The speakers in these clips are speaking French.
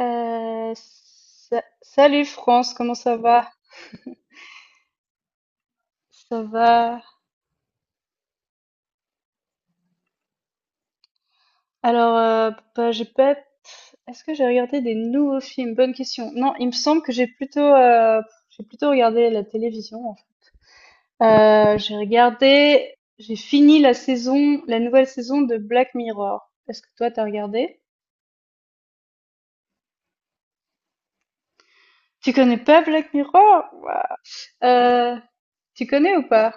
Salut France, comment ça va? Ça va. Alors, euh, j'ai pas. Est-ce que j'ai regardé des nouveaux films? Bonne question. Non, il me semble que j'ai j'ai plutôt regardé la télévision en fait. Euh, j'ai regardé, j'ai fini la nouvelle saison de Black Mirror. Est-ce que toi t'as regardé? Tu connais pas Black Mirror? Waouh. Euh, Tu connais ou pas?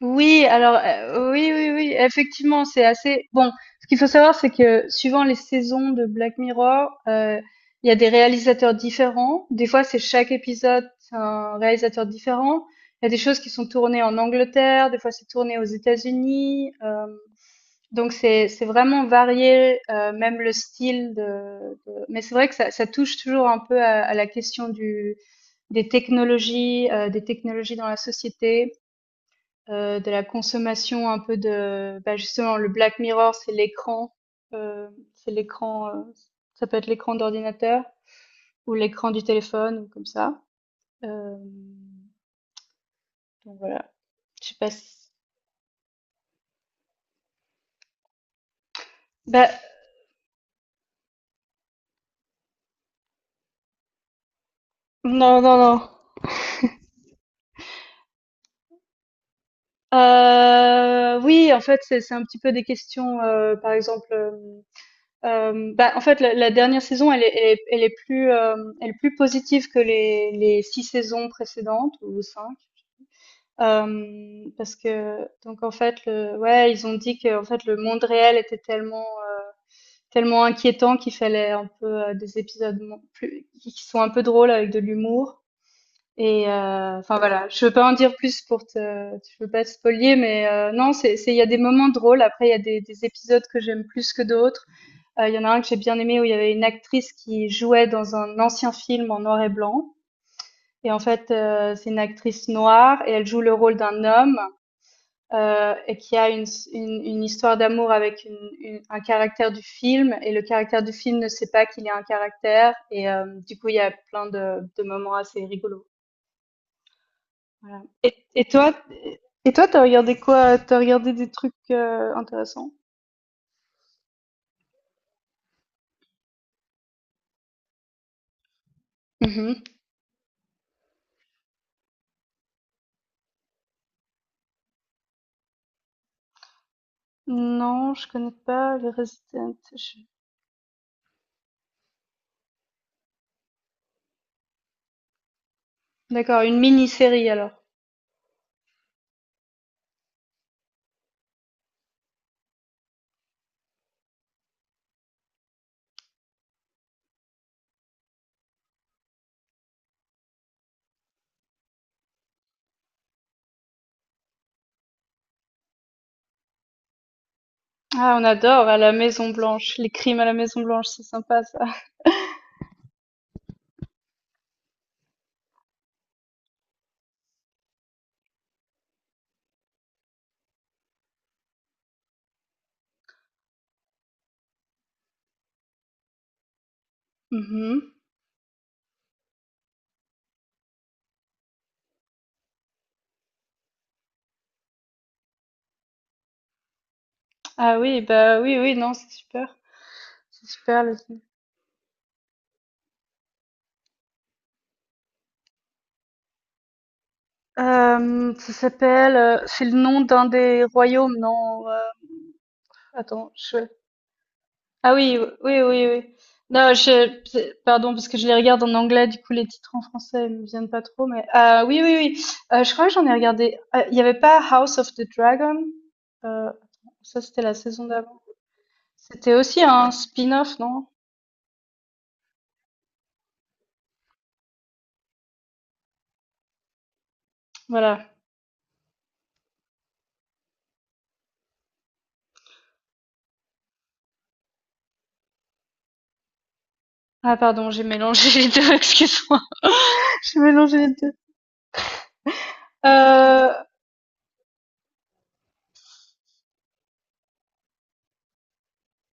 Oui, oui, oui, effectivement, c'est assez bon. Ce qu'il faut savoir, c'est que suivant les saisons de Black Mirror, il y a des réalisateurs différents. Des fois, c'est chaque épisode, c'est un réalisateur différent. Il y a des choses qui sont tournées en Angleterre, des fois c'est tourné aux États-Unis, donc c'est vraiment varié, même le style de mais c'est vrai que ça touche toujours un peu à la question du des technologies, des technologies dans la société. De la consommation un peu de justement le Black Mirror, c'est heu, l'écran. Ça peut être l'écran d'ordinateur ou l'écran du téléphone ou comme ça. Hem, donc voilà, je sais pas s bah, non, non, non. Oui, en fait, c'est un petit peu des questions, par exemple, en fait, la dernière saison, elle est plus positive que les 6 saisons précédentes ou cinq. Parce que donc en fait le ouais ils ont dit que en fait le monde réel était tellement inquiétant qu'il fallait un peu des épisodes plus qui sont un peu drôles avec de l'humour. Enfin voilà, je veux pas te spoiler, non, c'est, il y a des moments drôles. Après il y a des épisodes que j'aime plus que d'autres. Il y en a un que j'ai bien aimé où il y avait une actrice qui jouait dans un ancien film en noir et blanc, et c'est une actrice noire et elle joue le rôle d'un homme et qui a une histoire d'amour avec un caractère du film, et le caractère du film ne sait pas qu'il y a un caractère, du coup, il y a plein de moments assez rigolos. Voilà. Et toi, t'as regardé quoi? T'as regardé des trucs intéressants? Mhm. Non, je connais pas les Resident. D'accord, une mini-série alors. Ah, on adore à la Maison Blanche, les crimes à la Maison Blanche, c'est sympa ça. Mhm. Ah oui, bah oui, oui, non, c'est super. Ça s'appelle, c'est le nom d'un des royaumes, non, attends, je Ah oui, oui, oui, oui. Non, je, c'est pardon, parce que je les regarde en anglais, du coup, les titres en français ne me viennent pas trop, mais oui, oui, oui, je crois que j'en ai regardé, il y n'y avait pas House of the Dragon? Attends, ça, c'était la saison d'avant. C'était aussi un spin-off, non? Voilà. Ah pardon, j'ai mélangé les 2. Excuse-moi. J'ai mélangé les 2. Heu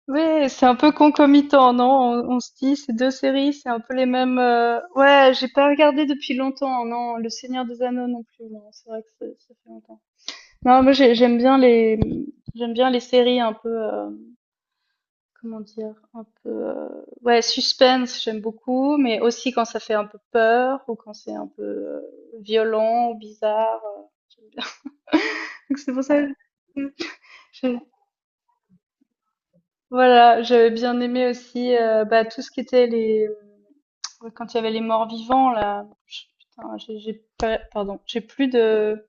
Ouais, c'est un peu concomitant, non? On se dit, ces deux séries, c'est un peu les mêmes. Ouais, j'ai pas regardé depuis longtemps, non? Le Seigneur des Anneaux non plus, non. C'est vrai que c'est- Ça fait longtemps. Non, moi j'aime bien les séries un peu, ouais, suspense, j'aime beaucoup, mais aussi quand ça fait un peu peur ou quand c'est un peu violent ou bizarre. J'aime bien. Donc c'est pour ça. Que Voilà, j'avais bien aimé aussi, tout ce qui était quand il y avait les morts-vivants là. Ch putain, j'ai pas pardon, j'ai plus de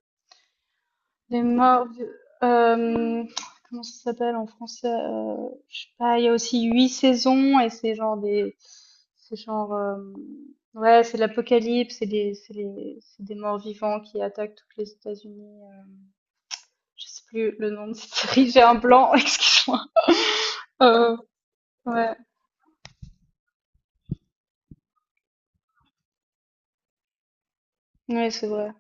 les morts vi hem, Comment ça s'appelle en français? Je sais pas, il y a aussi 8 saisons et c'est genre des, c'est genre, ouais, c'est l'apocalypse, c'est des morts-vivants qui attaquent toutes les États-Unis. Je sais plus le nom de cette série, j'ai un blanc, excuse-moi. Heu, ouais, ouais, c'est vrai.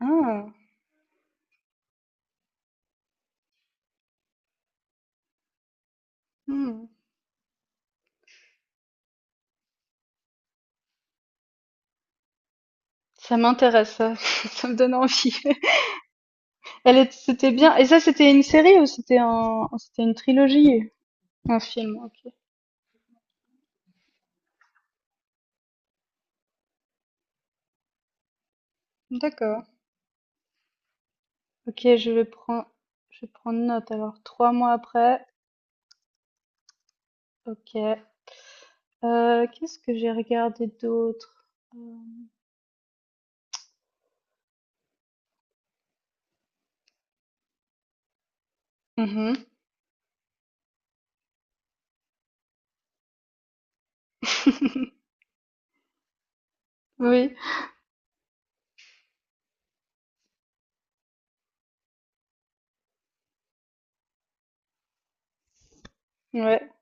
Ah, mmh. Ça m'intéresse, ça. Ça me donne envie. Elle est- c'était bien. Et ça, c'était une série ou c'était une trilogie? Un film, ok. D'accord. Ok, je vais prendre note. Alors, trois mois après, ok. Qu'est-ce que j'ai regardé d'autre? Euh, mhm. Oui, ouais.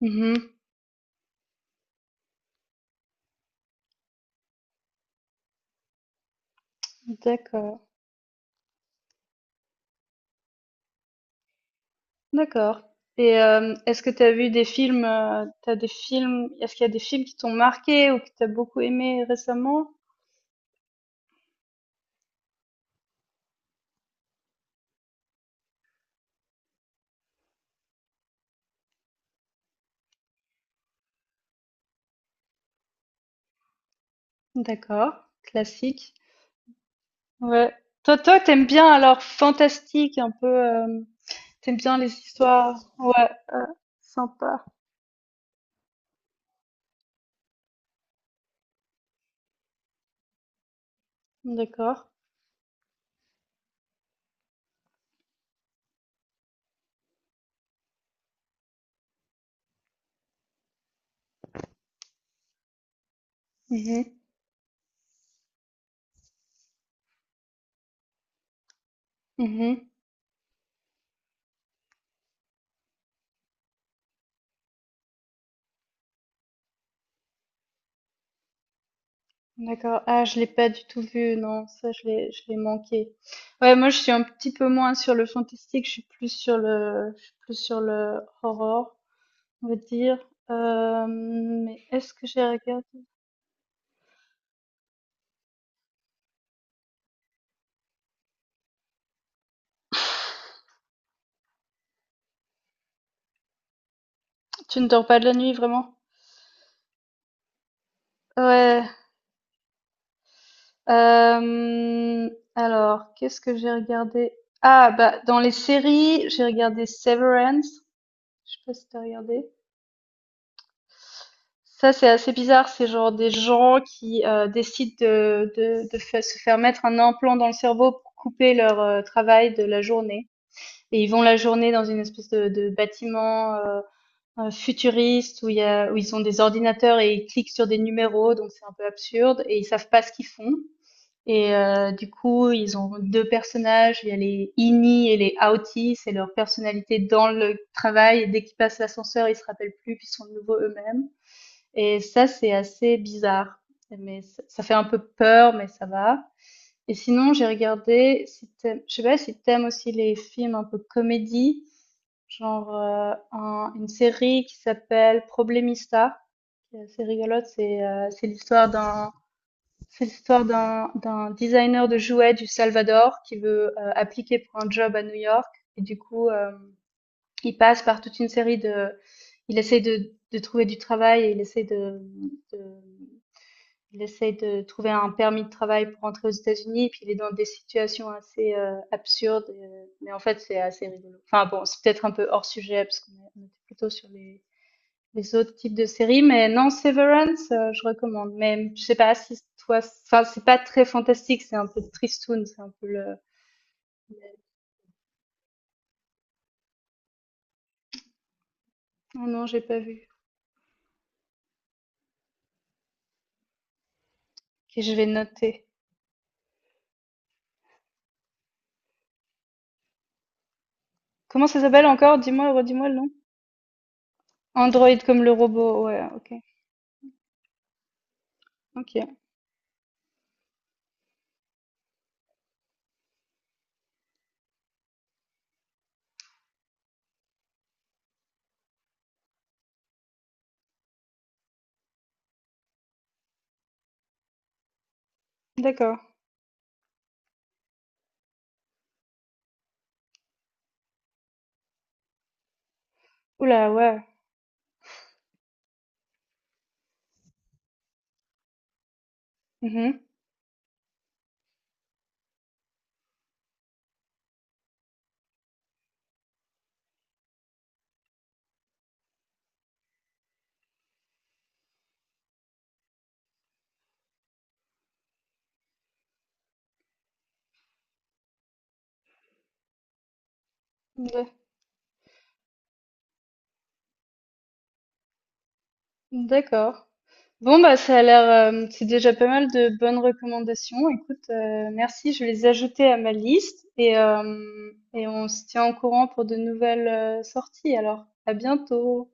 Mhm. D'accord. D'accord. Et est-ce que tu as vu des films, t'as des films, est-ce qu'il y a des films qui t'ont marqué ou que tu as beaucoup aimé récemment? D'accord, classique. Ouais. Toi, t'aimes bien alors fantastique, un peu, t'aimes bien les histoires. Ouais, sympa. D'accord. Mhm, mhm. D'accord. Ah, je l'ai pas du tout vu, non, ça, je l'ai manqué. Ouais, moi, je suis un petit peu moins sur le fantastique, je suis plus je suis plus sur le horror. On va dire, mais est-ce que j'ai regardé? Tu ne dors pas de la nuit, vraiment? Ouais. Hem, alors, qu'est-ce que j'ai regardé? Ah, bah, dans les séries, j'ai regardé Severance. Je sais pas si t'as regardé. Ça, c'est assez bizarre. C'est genre des gens qui décident se faire mettre un implant dans le cerveau pour couper leur travail de la journée. Et ils vont la journée dans une espèce de bâtiment futuriste où il y a, où ils ont des ordinateurs et ils cliquent sur des numéros, donc c'est un peu absurde et ils savent pas ce qu'ils font. Et du coup, ils ont deux personnages, il y a les Ini et les Outi, c'est leur personnalité dans le travail, et dès qu'ils passent l'ascenseur, ils se rappellent plus puis ils sont de nouveau eux-mêmes. Et ça, c'est assez bizarre, mais ça fait un peu peur, mais ça va. Et sinon, j'ai regardé, si je sais pas si t'aimes aussi les films un peu comédie. Genre, un Une série qui s'appelle Problemista, qui est assez rigolote. C'est l'histoire d'un designer de jouets du Salvador qui veut appliquer pour un job à New York et du coup, il passe par toute une série de, il essaie de trouver du travail et il essaie de il essaye de trouver un permis de travail pour rentrer aux États-Unis et puis il est dans des situations assez absurdes. Mais en fait, c'est assez rigolo. Enfin bon, c'est peut-être un peu hors sujet parce on était plutôt sur les autres types de séries. Mais non, Severance, je recommande. Mais je sais pas si toi, enfin c'est pas très fantastique, c'est un peu tristoun, c'est un peu le. Oh non, j'ai pas vu. Ok, je vais noter. Comment ça s'appelle encore? Dis-moi, redis-moi le nom. Android comme le robot. Ouais, ok, ok, d'accord. Oula, ouais. Mhm. D'accord. Bon, bah, ça a l'air, c'est déjà pas mal de bonnes recommandations. Écoute, merci, je vais les ajouter à ma liste, et on se tient au courant pour de nouvelles sorties. Alors, à bientôt.